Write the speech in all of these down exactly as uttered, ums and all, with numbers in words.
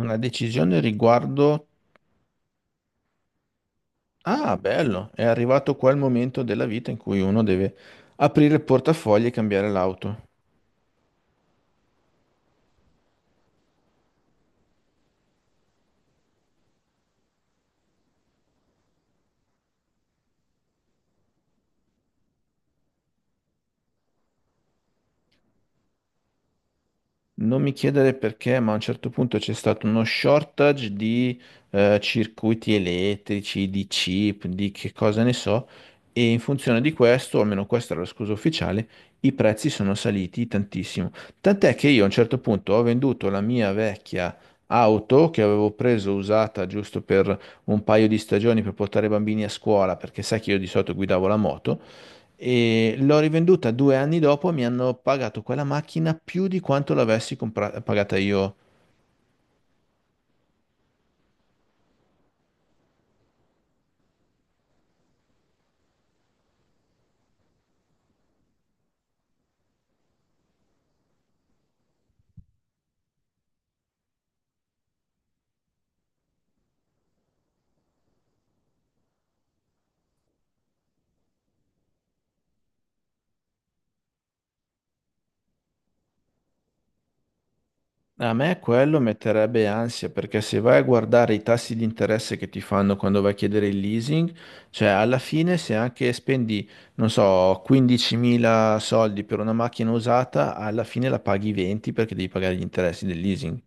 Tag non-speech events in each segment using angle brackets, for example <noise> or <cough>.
Una decisione riguardo... Ah, bello, è arrivato qua il momento della vita in cui uno deve aprire il portafoglio e cambiare l'auto. Non mi chiedere perché, ma a un certo punto c'è stato uno shortage di eh, circuiti elettrici, di chip, di che cosa ne so, e in funzione di questo, o almeno questa era la scusa ufficiale, i prezzi sono saliti tantissimo. Tant'è che io a un certo punto ho venduto la mia vecchia auto che avevo preso usata giusto per un paio di stagioni per portare i bambini a scuola, perché sai che io di solito guidavo la moto, e l'ho rivenduta due anni dopo, mi hanno pagato quella macchina più di quanto l'avessi compra- pagata io. A me quello metterebbe ansia, perché se vai a guardare i tassi di interesse che ti fanno quando vai a chiedere il leasing, cioè alla fine se anche spendi, non so, quindicimila soldi per una macchina usata, alla fine la paghi venti perché devi pagare gli interessi del leasing.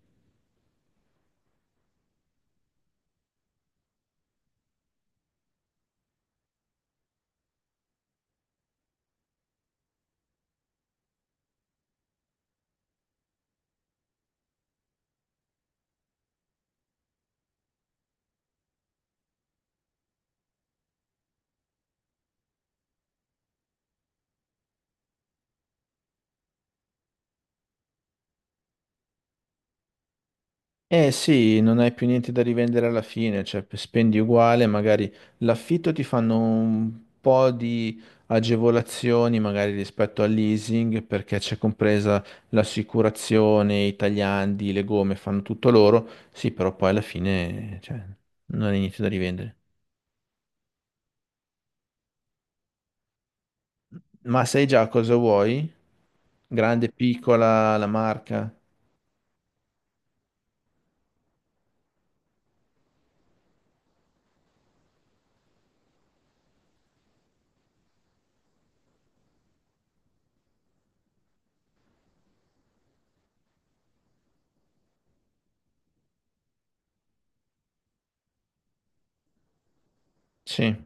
Eh sì, non hai più niente da rivendere alla fine, cioè p- spendi uguale, magari l'affitto ti fanno un po' di agevolazioni, magari rispetto al leasing, perché c'è compresa l'assicurazione, i tagliandi, le gomme, fanno tutto loro. Sì, però poi alla fine, cioè, non hai niente da rivendere. Ma sai già cosa vuoi? Grande, piccola, la marca? Sì.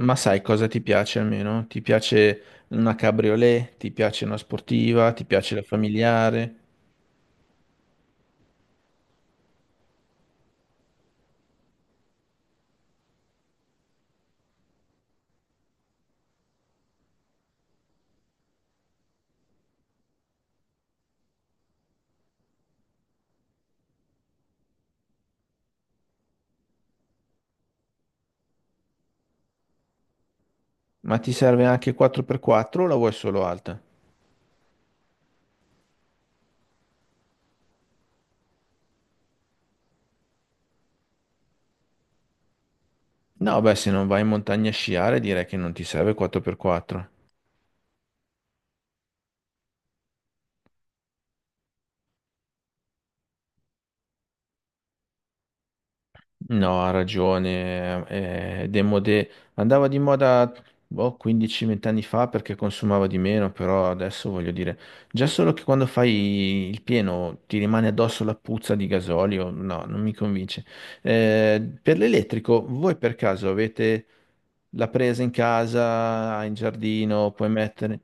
Ma sai cosa ti piace almeno? Ti piace una cabriolet, ti piace una sportiva, ti piace la familiare, ma ti serve anche quattro per quattro o la vuoi solo alta? No, beh, se non vai in montagna a sciare direi che non ti serve quattro per quattro. No, ha ragione. Eh, Demodè andava di moda boh, quindici venti anni fa perché consumava di meno, però adesso voglio dire, già solo che quando fai il pieno ti rimane addosso la puzza di gasolio, no, non mi convince. Eh, per l'elettrico, voi per caso avete la presa in casa, in giardino, puoi mettere?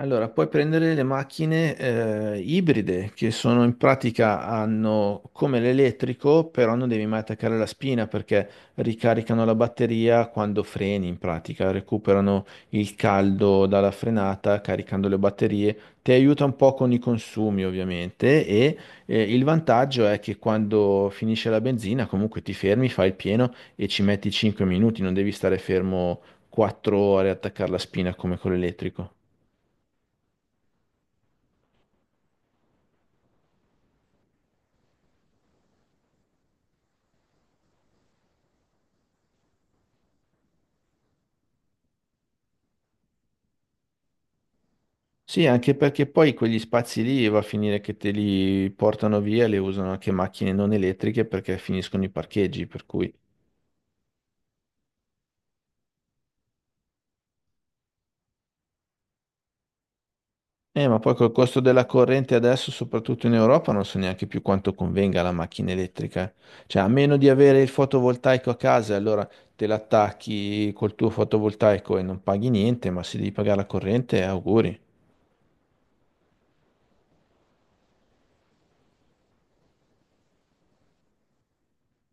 Allora, puoi prendere le macchine eh, ibride che sono in pratica hanno come l'elettrico, però non devi mai attaccare la spina perché ricaricano la batteria quando freni in pratica, recuperano il caldo dalla frenata caricando le batterie. Ti aiuta un po' con i consumi ovviamente e eh, il vantaggio è che quando finisce la benzina comunque ti fermi, fai il pieno e ci metti cinque minuti, non devi stare fermo quattro ore a attaccare la spina come con l'elettrico. Sì, anche perché poi quegli spazi lì va a finire che te li portano via, le usano anche macchine non elettriche perché finiscono i parcheggi, per cui... Eh, ma poi col costo della corrente adesso, soprattutto in Europa, non so neanche più quanto convenga la macchina elettrica. Cioè, a meno di avere il fotovoltaico a casa, allora te l'attacchi col tuo fotovoltaico e non paghi niente, ma se devi pagare la corrente, auguri.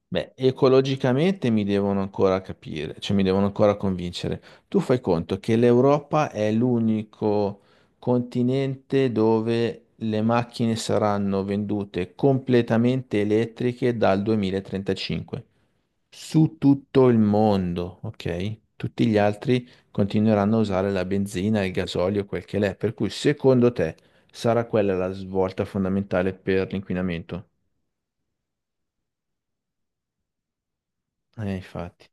Beh, ecologicamente mi devono ancora capire, cioè mi devono ancora convincere. Tu fai conto che l'Europa è l'unico continente dove le macchine saranno vendute completamente elettriche dal duemilatrentacinque, su tutto il mondo, ok? Tutti gli altri continueranno a usare la benzina, il gasolio, quel che l'è. Per cui, secondo te, sarà quella la svolta fondamentale per l'inquinamento? Eh, infatti.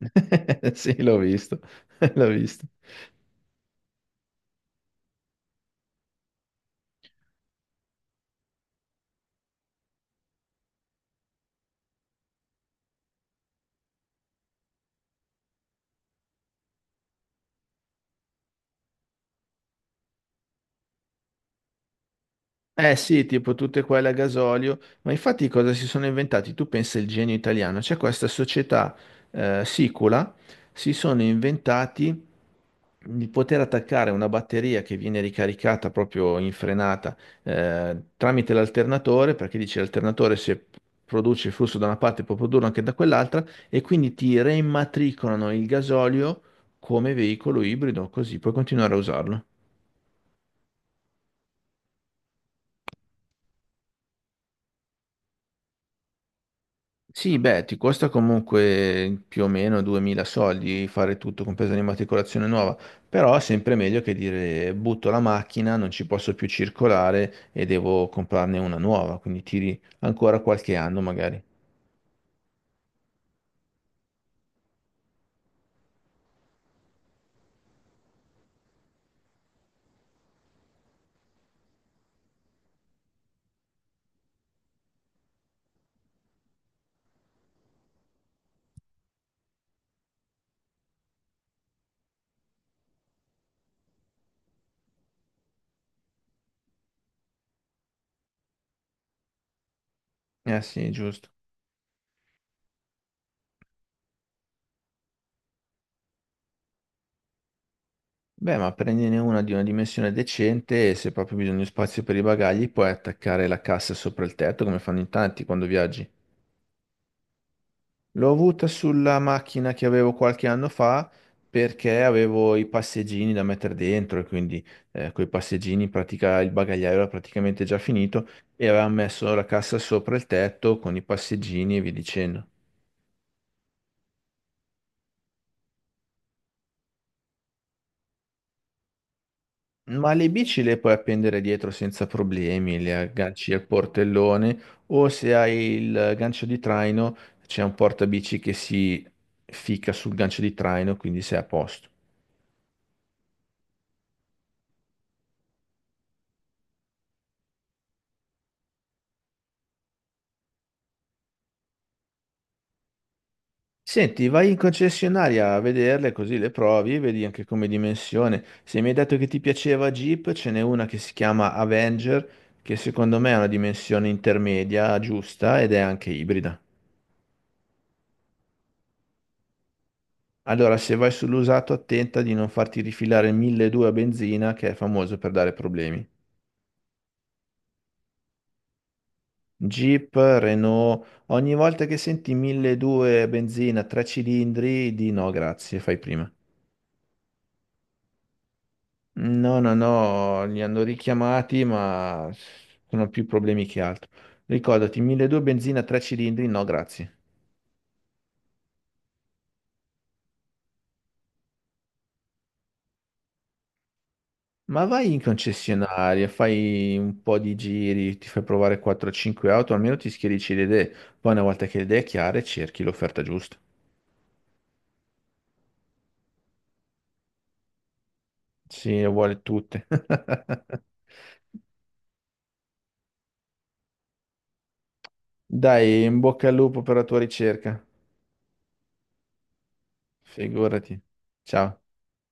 <laughs> Sì, l'ho visto, <laughs> l'ho visto. Eh sì, tipo tutte quelle a gasolio, ma infatti cosa si sono inventati? Tu pensa il genio italiano, c'è questa società eh, Sicula, si sono inventati di poter attaccare una batteria che viene ricaricata proprio in frenata eh, tramite l'alternatore, perché dice l'alternatore se produce il flusso da una parte può produrlo anche da quell'altra, e quindi ti reimmatricolano il gasolio come veicolo ibrido, così puoi continuare a usarlo. Sì, beh, ti costa comunque più o meno duemila soldi fare tutto, compresa l'immatricolazione nuova, però è sempre meglio che dire butto la macchina, non ci posso più circolare e devo comprarne una nuova, quindi tiri ancora qualche anno magari. Eh sì, giusto. Beh, ma prendine una di una dimensione decente e se proprio bisogna di spazio per i bagagli puoi attaccare la cassa sopra il tetto come fanno in tanti quando viaggi. L'ho avuta sulla macchina che avevo qualche anno fa perché avevo i passeggini da mettere dentro e quindi eh, coi passeggini in pratica il bagagliaio era praticamente già finito e avevamo messo la cassa sopra il tetto con i passeggini e via dicendo. Ma le bici le puoi appendere dietro senza problemi, le agganci al portellone o se hai il gancio di traino c'è un portabici che si ficca sul gancio di traino, quindi sei a posto. Senti, vai in concessionaria a vederle così le provi, vedi anche come dimensione. Se mi hai detto che ti piaceva Jeep, ce n'è una che si chiama Avenger, che secondo me è una dimensione intermedia giusta ed è anche ibrida. Allora, se vai sull'usato, attenta di non farti rifilare il milleduecento a benzina, che è famoso per dare problemi. Jeep, Renault, ogni volta che senti milleduecento a benzina, tre cilindri, di no, grazie, fai prima. No, no, no, li hanno richiamati, ma sono più problemi che altro. Ricordati, milleduecento benzina, tre cilindri, no, grazie. Ma vai in concessionaria, fai un po' di giri, ti fai provare quattro cinque auto, almeno ti schiarisci le idee. Poi una volta che le idee è chiare, cerchi l'offerta giusta. Sì, le vuole tutte. <laughs> Dai, in bocca al lupo per la tua ricerca. Figurati. Ciao.